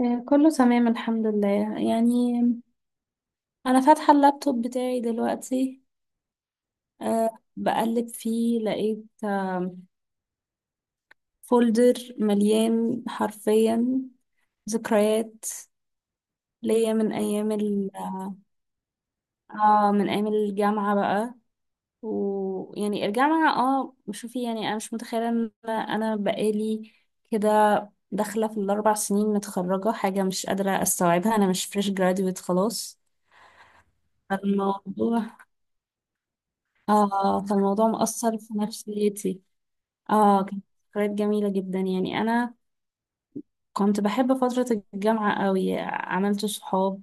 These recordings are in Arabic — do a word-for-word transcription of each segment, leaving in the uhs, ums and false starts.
آه، كله تمام الحمد لله. يعني انا فاتحه اللابتوب بتاعي دلوقتي. أه بقلب فيه، لقيت فولدر مليان حرفيا ذكريات ليا من ايام ال اه من ايام الجامعه بقى. ويعني الجامعه اه شوفي، يعني انا مش متخيله ان انا بقالي كده داخله في الاربع سنين متخرجه، حاجه مش قادره استوعبها، انا مش فريش جراديويت خلاص. الموضوع اه فالموضوع مأثر في نفسيتي. اه كانت ذكريات جميلة جدا. يعني أنا كنت بحب فترة الجامعة قوي، عملت صحاب،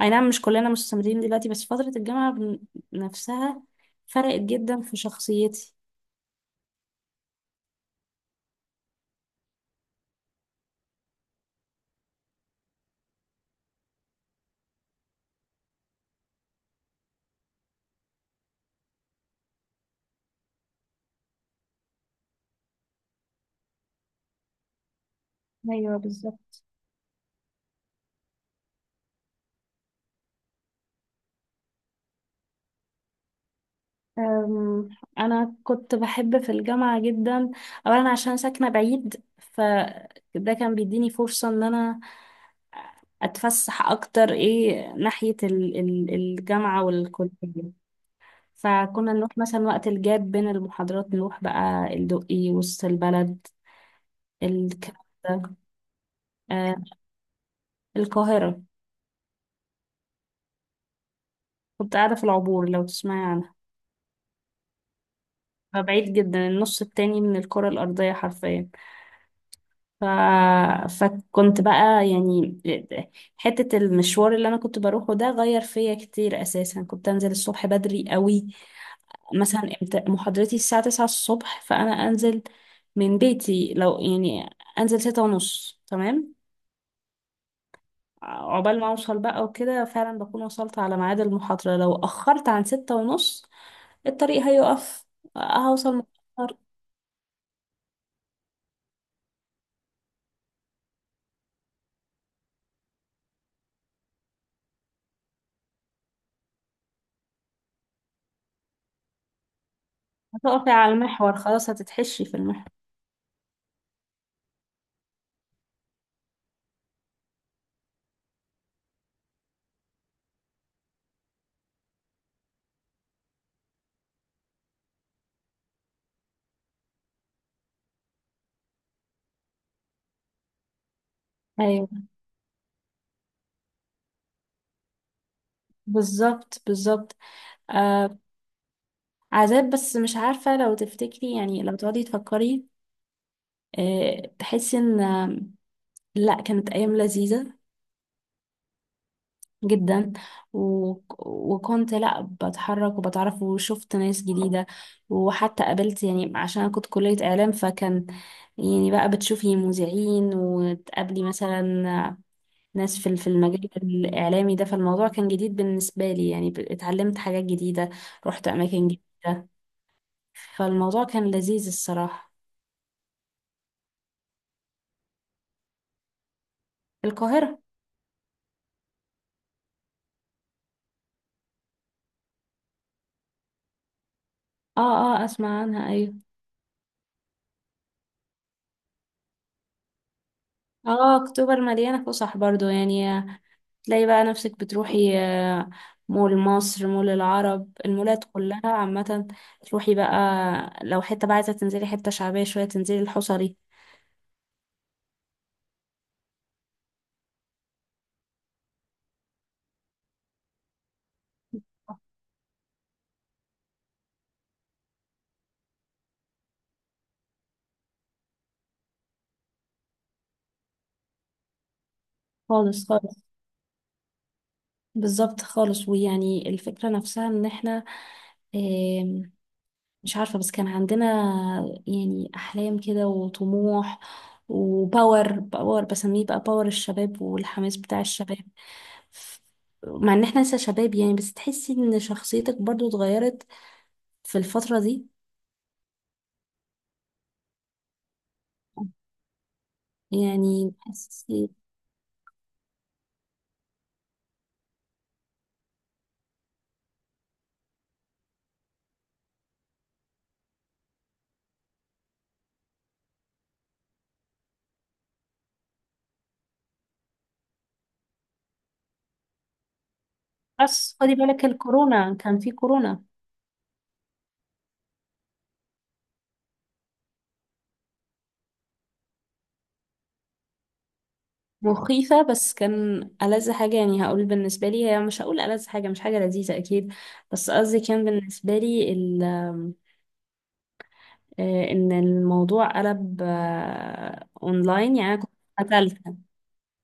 أي نعم مش كلنا مستمرين دلوقتي، بس فترة الجامعة بن- نفسها فرقت جدا في شخصيتي. ايوه بالظبط. أم، انا كنت بحب في الجامعه جدا، اولا عشان ساكنه بعيد، فده كان بيديني فرصه ان انا اتفسح اكتر، ايه ناحيه ال- ال- الجامعه والكليه. فكنا نروح مثلا وقت الجاب بين المحاضرات، نروح بقى الدقي، وسط البلد، الكلام ده. آه، القاهرة. كنت قاعدة في العبور، لو تسمعي عنها. فبعيد جدا، النص التاني من الكرة الأرضية حرفيا. ف... فكنت بقى يعني حتة المشوار اللي أنا كنت بروحه ده غير فيا كتير. أساسا كنت أنزل الصبح بدري قوي، مثلا امت- محاضرتي الساعة تسعة الصبح، فأنا أنزل من بيتي، لو يعني أنزل ستة ونص تمام عقبال ما اوصل بقى وكده، فعلا بكون وصلت على ميعاد المحاضرة. لو اخرت عن ستة ونص، الطريق هيقف، هوصل متأخر. هتقفي على المحور، خلاص هتتحشي في المحور. ايوه بالظبط بالظبط. آه عذاب، بس مش عارفة، لو تفتكري يعني لو تقعدي تفكري، آه تحسي ان، آه، لا، كانت ايام لذيذة جدا. و... وكنت لا بتحرك وبتعرف وشفت ناس جديدة، وحتى قابلت، يعني عشان أنا كنت كلية إعلام، فكان يعني بقى بتشوفي مذيعين، وتقابلي مثلا ناس في في المجال الإعلامي ده. فالموضوع كان جديد بالنسبة لي، يعني ب- اتعلمت حاجات جديدة، رحت أماكن جديدة، فالموضوع كان لذيذ الصراحة. القاهرة. اه اه، اسمع عنها، ايوه. اه، اكتوبر مليانة فسح برضو. يعني تلاقي بقى نفسك بتروحي، آه، مول مصر، مول العرب، المولات كلها عامة. تروحي بقى، لو حتة بقى عايزة تنزلي حتة شعبية شوية، تنزلي الحصري. خالص خالص. بالظبط خالص. ويعني الفكرة نفسها ان احنا، آم، مش عارفة، بس كان عندنا يعني أحلام كده وطموح، وباور باور بسميه بقى، باور الشباب والحماس بتاع الشباب. ف- مع ان احنا لسه شباب، يعني بس تحسي ان شخصيتك برضو اتغيرت في الفترة دي. يعني بحس، بس خدي بالك الكورونا، كان في كورونا مخيفة. بس كان ألذ حاجة، يعني هقول بالنسبة لي، هي مش هقول ألذ حاجة، مش حاجة لذيذة أكيد، بس قصدي كان بالنسبة لي ال آه، إن الموضوع قلب آه، أونلاين، يعني أنا كنت في سنة تالتة.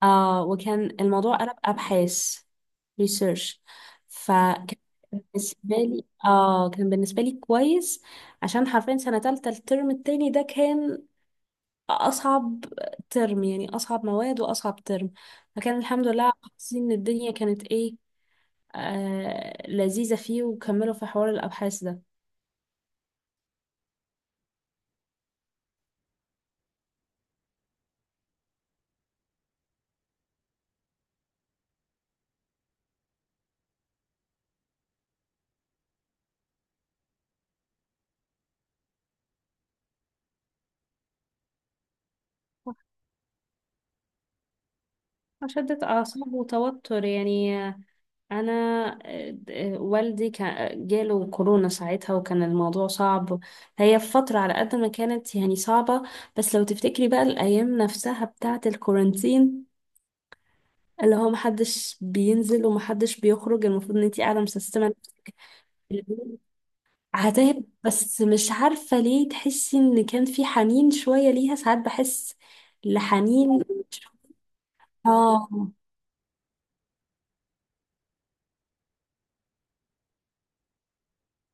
آه وكان الموضوع قلب أبحاث، ريسيرش. فكان بالنسبة لي آه كان بالنسبة لي كويس، عشان حرفيا سنة تالتة الترم التاني ده كان اصعب ترم، يعني اصعب مواد واصعب ترم. فكان الحمد لله، حاسين ان الدنيا كانت ايه آه لذيذة فيه، وكملوا في حوار الابحاث ده. شدة اعصاب وتوتر، يعني انا آه، آه، والدي كان جاله كورونا ساعتها، وكان الموضوع صعب. هي فترة على قد ما كانت يعني صعبة، بس لو تفتكري بقى الايام نفسها بتاعة الكورانتين، اللي هو محدش بينزل ومحدش بيخرج، المفروض ان انتي قاعدة مسيستمة. عذاب، بس مش عارفة ليه تحسي ان كان في حنين شوية ليها، ساعات بحس لحنين. اه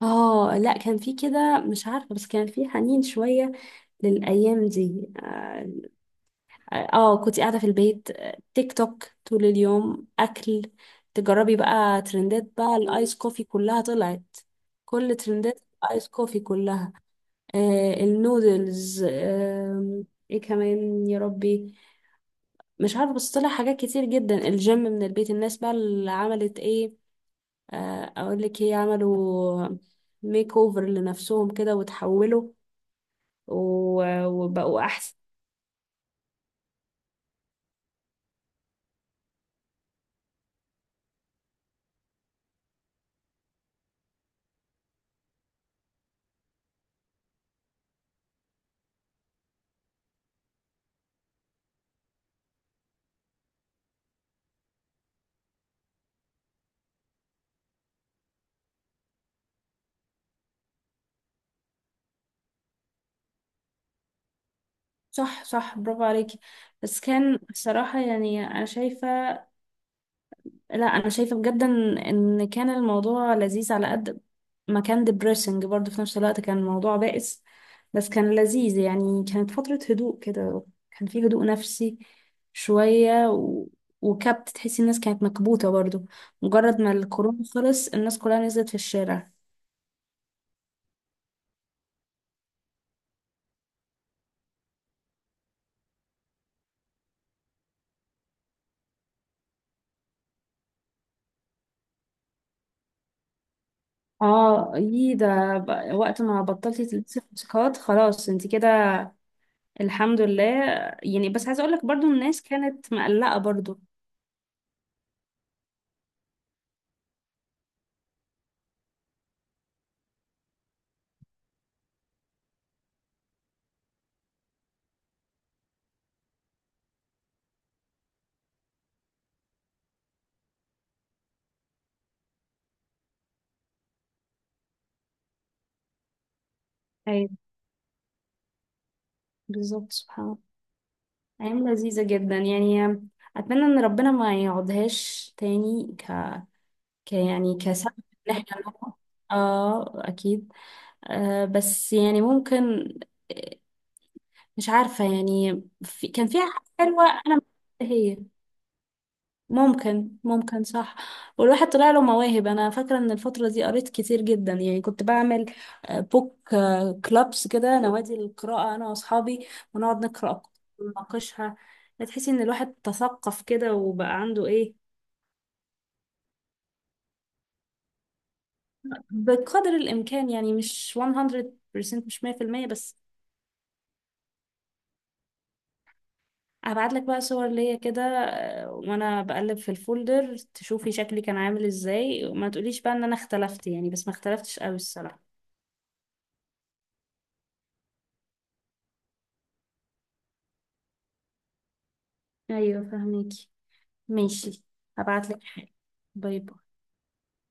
اه، لا، كان في كده، مش عارفة، بس كان في حنين شوية للأيام دي. اه. آه، كنت قاعدة في البيت، آه، تيك توك طول اليوم، أكل، تجربي بقى ترندات بقى الآيس كوفي كلها طلعت، كل ترندات الآيس كوفي كلها. آه النودلز. آه ايه كمان يا ربي. مش عارفه، بس طلع حاجات كتير جدا، الجيم من البيت، الناس بقى اللي عملت ايه، آه، اقول لك ايه، عملوا ميك اوفر لنفسهم كده، وتحولوا و- وبقوا احسن. صح صح، برافو عليكي. بس كان بصراحة، يعني أنا شايفة، لا، انا شايفه بجد ان إن كان الموضوع لذيذ، على قد ما كان depressing برضه، في نفس الوقت كان الموضوع بائس، بس كان لذيذ. يعني كانت فتره هدوء كده، كان في هدوء نفسي شويه، و... وكبت، تحسي الناس كانت مكبوته برضه. مجرد ما الكورونا خلص، الناس كلها نزلت في الشارع. اه، يي ده، ب- وقت ما بطلتي تلبسي ماسكات خلاص، انت كده الحمد لله. يعني بس عايزه اقول لك برضه، الناس كانت مقلقه برضه. ايوه بالظبط، سبحان الله. أيام لذيذة جدا، يعني أتمنى إن ربنا ما يقعدهاش تاني ك... ك... يعني كسبب إن احنا نقعد. اه، أكيد. آه بس يعني ممكن، آه، مش عارفة يعني في... كان فيها حاجة حلوة، أنا مش عارفة هي، ممكن ممكن، صح. والواحد طلع له مواهب، انا فاكره ان الفتره دي قريت كتير جدا، يعني كنت بعمل آه، بوك آه، كلابس كده، نوادي القراءه انا واصحابي، ونقعد نقرا أفكار ونناقشها. تحسي ان الواحد تثقف كده، وبقى عنده ايه. بقدر الامكان يعني، مش مية في المية، مش مية في المية بس. هبعت لك بقى صور ليا كده، آه، وانا بقلب في الفولدر تشوفي شكلي كان عامل ازاي، وما تقوليش بقى ان انا اختلفت يعني، بس ما اختلفتش قوي الصراحه. ايوه فهميكي، ماشي، هبعتلك حاجة. باي باي.